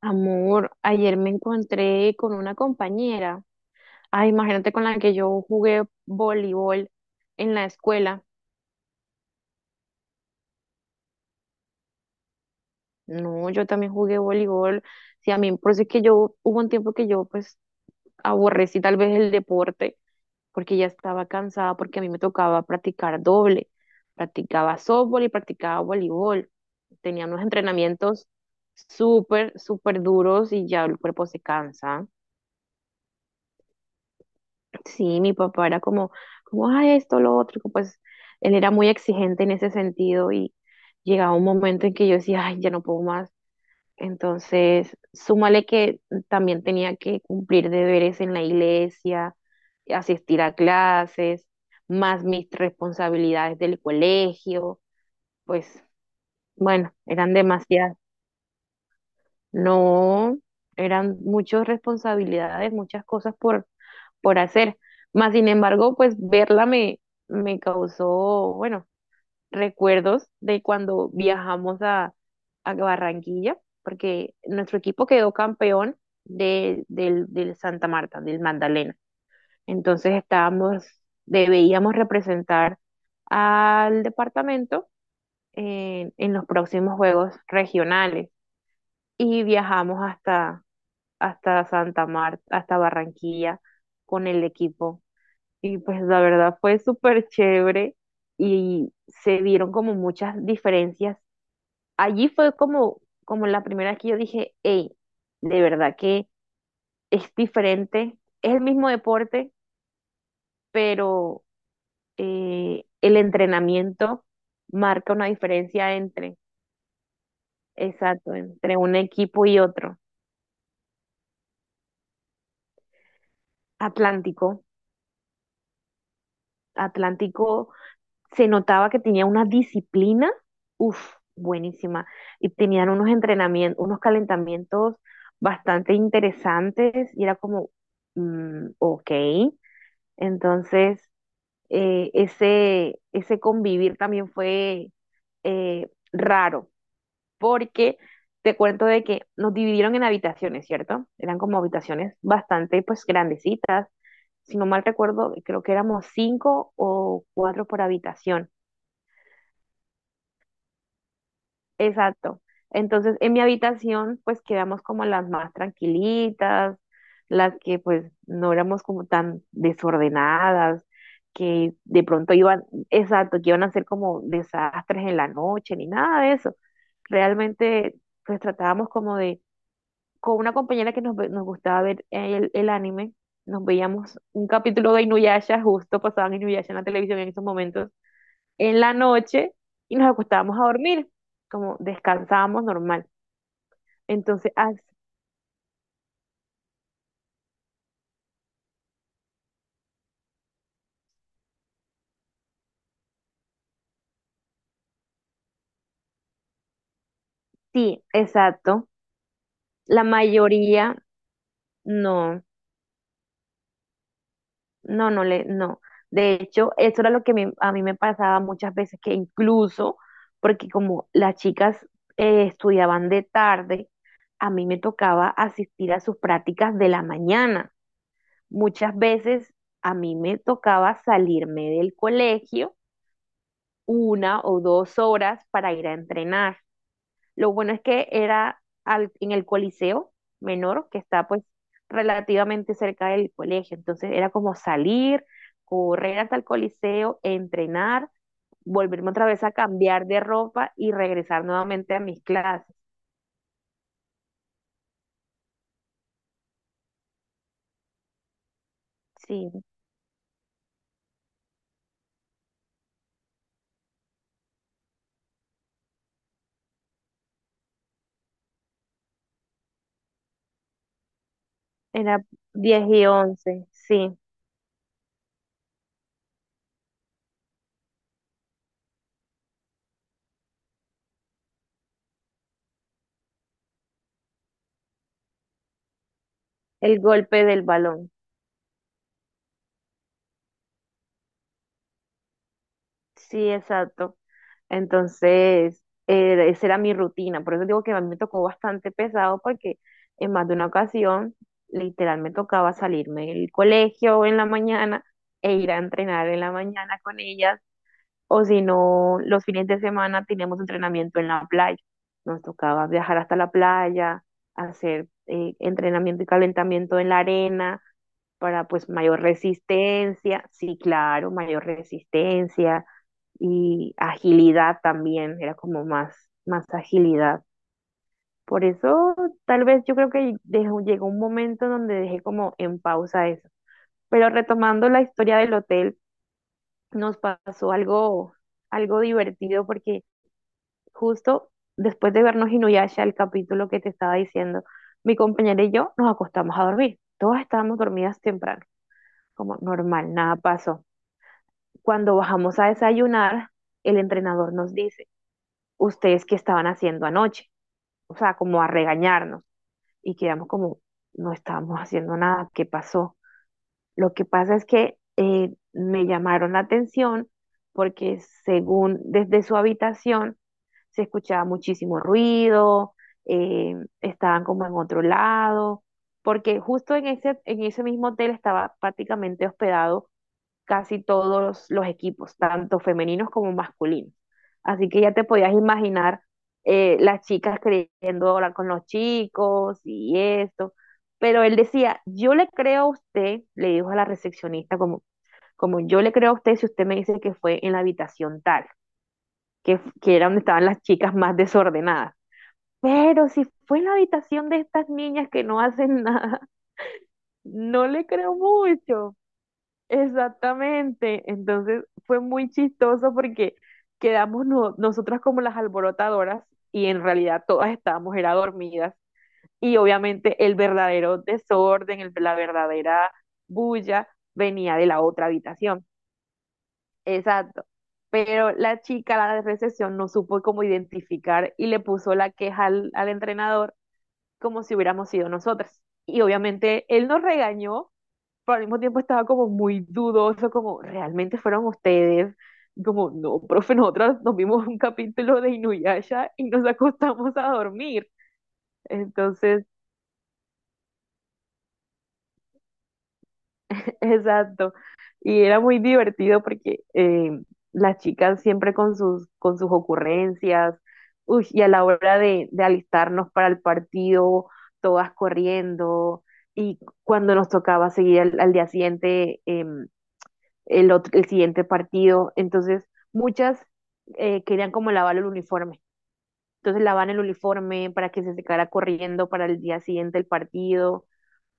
Amor, ayer me encontré con una compañera. Ay, imagínate con la que yo jugué voleibol en la escuela. No, yo también jugué voleibol. Sí, a mí, por eso es que yo, hubo un tiempo que yo pues aborrecí tal vez el deporte porque ya estaba cansada porque a mí me tocaba practicar doble. Practicaba softball y practicaba voleibol. Tenía unos entrenamientos súper, súper duros y ya el cuerpo se cansa. Sí, mi papá era como, como, esto, lo otro, que pues él era muy exigente en ese sentido y llegaba un momento en que yo decía, ay, ya no puedo más. Entonces, súmale que también tenía que cumplir deberes en la iglesia, asistir a clases, más mis responsabilidades del colegio, pues bueno, eran demasiadas. No, eran muchas responsabilidades, muchas cosas por hacer. Más sin embargo, pues verla me, me causó, bueno, recuerdos de cuando viajamos a Barranquilla, porque nuestro equipo quedó campeón del Santa Marta, del Magdalena. Entonces estábamos, debíamos representar al departamento en los próximos juegos regionales y viajamos hasta Santa Marta, hasta Barranquilla con el equipo y pues la verdad fue súper chévere y se vieron como muchas diferencias. Allí fue como, como la primera vez que yo dije, hey, de verdad que es diferente, es el mismo deporte, pero el entrenamiento marca una diferencia entre, exacto, entre un equipo y otro. Atlántico, Atlántico se notaba que tenía una disciplina, uff, buenísima. Y tenían unos entrenamientos, unos calentamientos bastante interesantes y era como, mm, ok. Entonces, ese convivir también fue raro, porque te cuento de que nos dividieron en habitaciones, ¿cierto? Eran como habitaciones bastante, pues, grandecitas. Si no mal recuerdo, creo que éramos cinco o cuatro por habitación. Exacto. Entonces, en mi habitación, pues quedamos como las más tranquilitas, las que pues no éramos como tan desordenadas, que de pronto iban, exacto, que iban a ser como desastres en la noche, ni nada de eso. Realmente, pues tratábamos como de, con una compañera que nos gustaba ver el anime, nos veíamos un capítulo de Inuyasha, justo pasaban Inuyasha en la televisión en esos momentos en la noche y nos acostábamos a dormir, como descansábamos normal. Entonces, sí, exacto. La mayoría, no, no, no. De hecho, eso era lo a mí me pasaba muchas veces, que incluso, porque como las chicas estudiaban de tarde, a mí me tocaba asistir a sus prácticas de la mañana. Muchas veces a mí me tocaba salirme del colegio una o dos horas para ir a entrenar. Lo bueno es que era en el Coliseo Menor, que está pues relativamente cerca del colegio. Entonces era como salir, correr hasta el Coliseo, entrenar, volverme otra vez a cambiar de ropa y regresar nuevamente a mis clases. Sí, era 10 y once, sí, el golpe del balón. Sí, exacto. Entonces, esa era mi rutina. Por eso digo que a mí me tocó bastante pesado porque en más de una ocasión, literal, me tocaba salirme del colegio en la mañana e ir a entrenar en la mañana con ellas. O si no, los fines de semana teníamos entrenamiento en la playa. Nos tocaba viajar hasta la playa, hacer entrenamiento y calentamiento en la arena para pues mayor resistencia, sí, claro, mayor resistencia y agilidad también, era como más, más agilidad. Por eso tal vez yo creo que llegó un momento donde dejé como en pausa eso. Pero retomando la historia del hotel, nos pasó algo, algo divertido porque justo después de vernos Inuyasha, el capítulo que te estaba diciendo, mi compañera y yo nos acostamos a dormir. Todas estábamos dormidas temprano, como normal, nada pasó. Cuando bajamos a desayunar, el entrenador nos dice, ¿ustedes qué estaban haciendo anoche? O sea, como a regañarnos. Y quedamos como, no estábamos haciendo nada, ¿qué pasó? Lo que pasa es que me llamaron la atención porque, según, desde su habitación se escuchaba muchísimo ruido, eh, estaban como en otro lado, porque justo en ese mismo hotel estaba prácticamente hospedado casi todos los equipos, tanto femeninos como masculinos. Así que ya te podías imaginar, las chicas queriendo hablar con los chicos y esto. Pero él decía, yo le creo a usted, le dijo a la recepcionista, como, como yo le creo a usted si usted me dice que fue en la habitación tal, que era donde estaban las chicas más desordenadas. Pero si fue en la habitación de estas niñas que no hacen nada, no le creo mucho. Exactamente. Entonces fue muy chistoso porque quedamos nosotras como las alborotadoras y en realidad todas estábamos era dormidas. Y obviamente el verdadero desorden, la verdadera bulla venía de la otra habitación. Exacto. Pero la chica, la de recepción, no supo cómo identificar y le puso la queja al entrenador como si hubiéramos sido nosotras. Y obviamente él nos regañó, pero al mismo tiempo estaba como muy dudoso, como realmente fueron ustedes. Y como, no, profe, nosotras nos vimos un capítulo de Inuyasha y nos acostamos a dormir. Entonces, exacto. Y era muy divertido porque las chicas siempre con sus ocurrencias, uy, y a la hora de alistarnos para el partido, todas corriendo, y cuando nos tocaba seguir al día siguiente, el siguiente partido. Entonces, muchas querían como lavar el uniforme. Entonces lavan el uniforme para que se secara corriendo para el día siguiente el partido.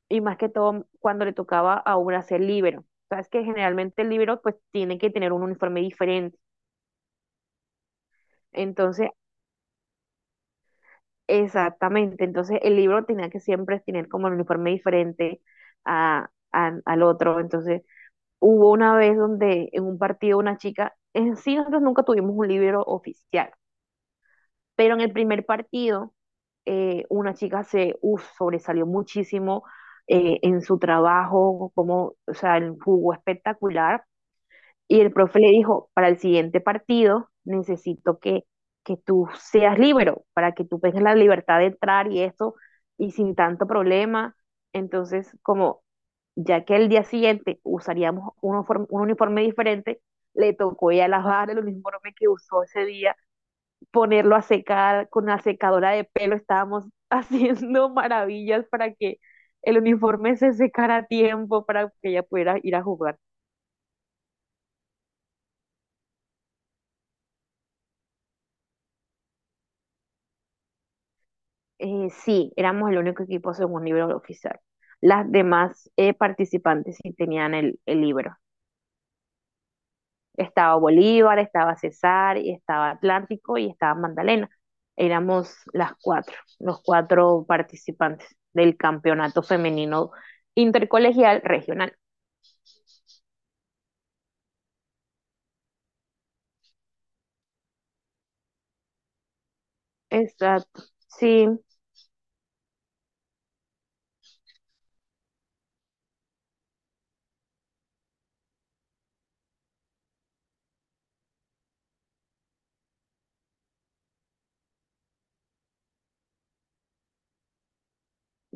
Y más que todo cuando le tocaba a una ser libero. Sabes que generalmente el libero pues tiene que tener un uniforme diferente. Entonces, exactamente. Entonces el libro tenía que siempre tener como el uniforme diferente al otro. Entonces hubo una vez donde en un partido una chica, en sí nosotros nunca tuvimos un libero oficial. Pero en el primer partido, una chica se uf, sobresalió muchísimo en su trabajo, como, o sea, jugó espectacular. Y el profe le dijo, para el siguiente partido necesito que tú seas libre, para que tú tengas la libertad de entrar y esto, y sin tanto problema. Entonces, como ya que el día siguiente usaríamos un uniforme diferente, le tocó ya lavar el uniforme que usó ese día, ponerlo a secar con la secadora de pelo, estábamos haciendo maravillas para que el uniforme se secara a tiempo para que ella pudiera ir a jugar. Sí, éramos el único equipo según libro oficial. Las demás, participantes sí tenían el libro. Estaba Bolívar, estaba César, y estaba Atlántico y estaba Magdalena. Éramos las cuatro, los cuatro participantes del campeonato femenino intercolegial regional. Exacto. Sí,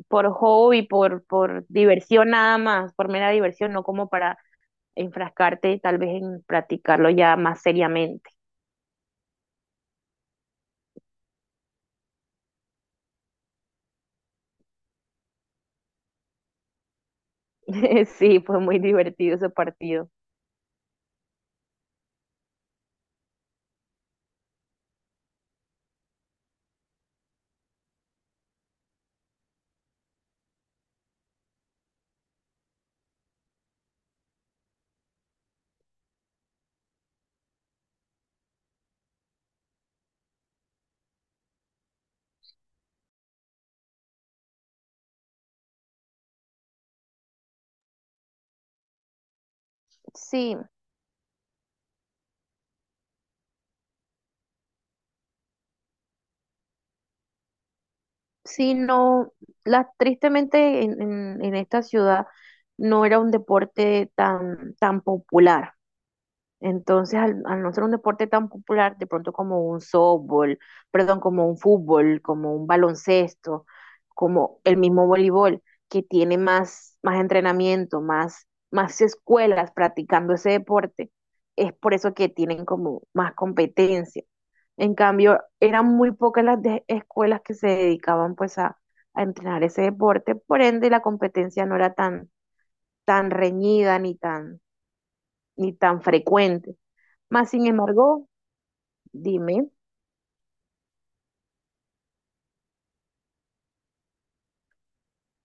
por hobby, por diversión nada más, por mera diversión, no como para enfrascarte tal vez en practicarlo ya más seriamente. Sí, fue muy divertido ese partido. Sí, sí, no, la, tristemente en esta ciudad no era un deporte tan, tan popular. Entonces, al no ser un deporte tan popular, de pronto como un softball, perdón, como un fútbol, como un baloncesto, como el mismo voleibol, que tiene más, más entrenamiento, más, más escuelas practicando ese deporte, es por eso que tienen como más competencia. En cambio, eran muy pocas escuelas que se dedicaban pues a entrenar ese deporte, por ende la competencia no era tan, tan reñida ni tan, ni tan frecuente. Más sin embargo, dime,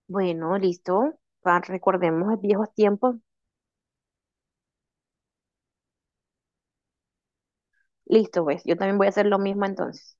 bueno, listo, recordemos los viejos tiempos. Listo, pues, yo también voy a hacer lo mismo entonces.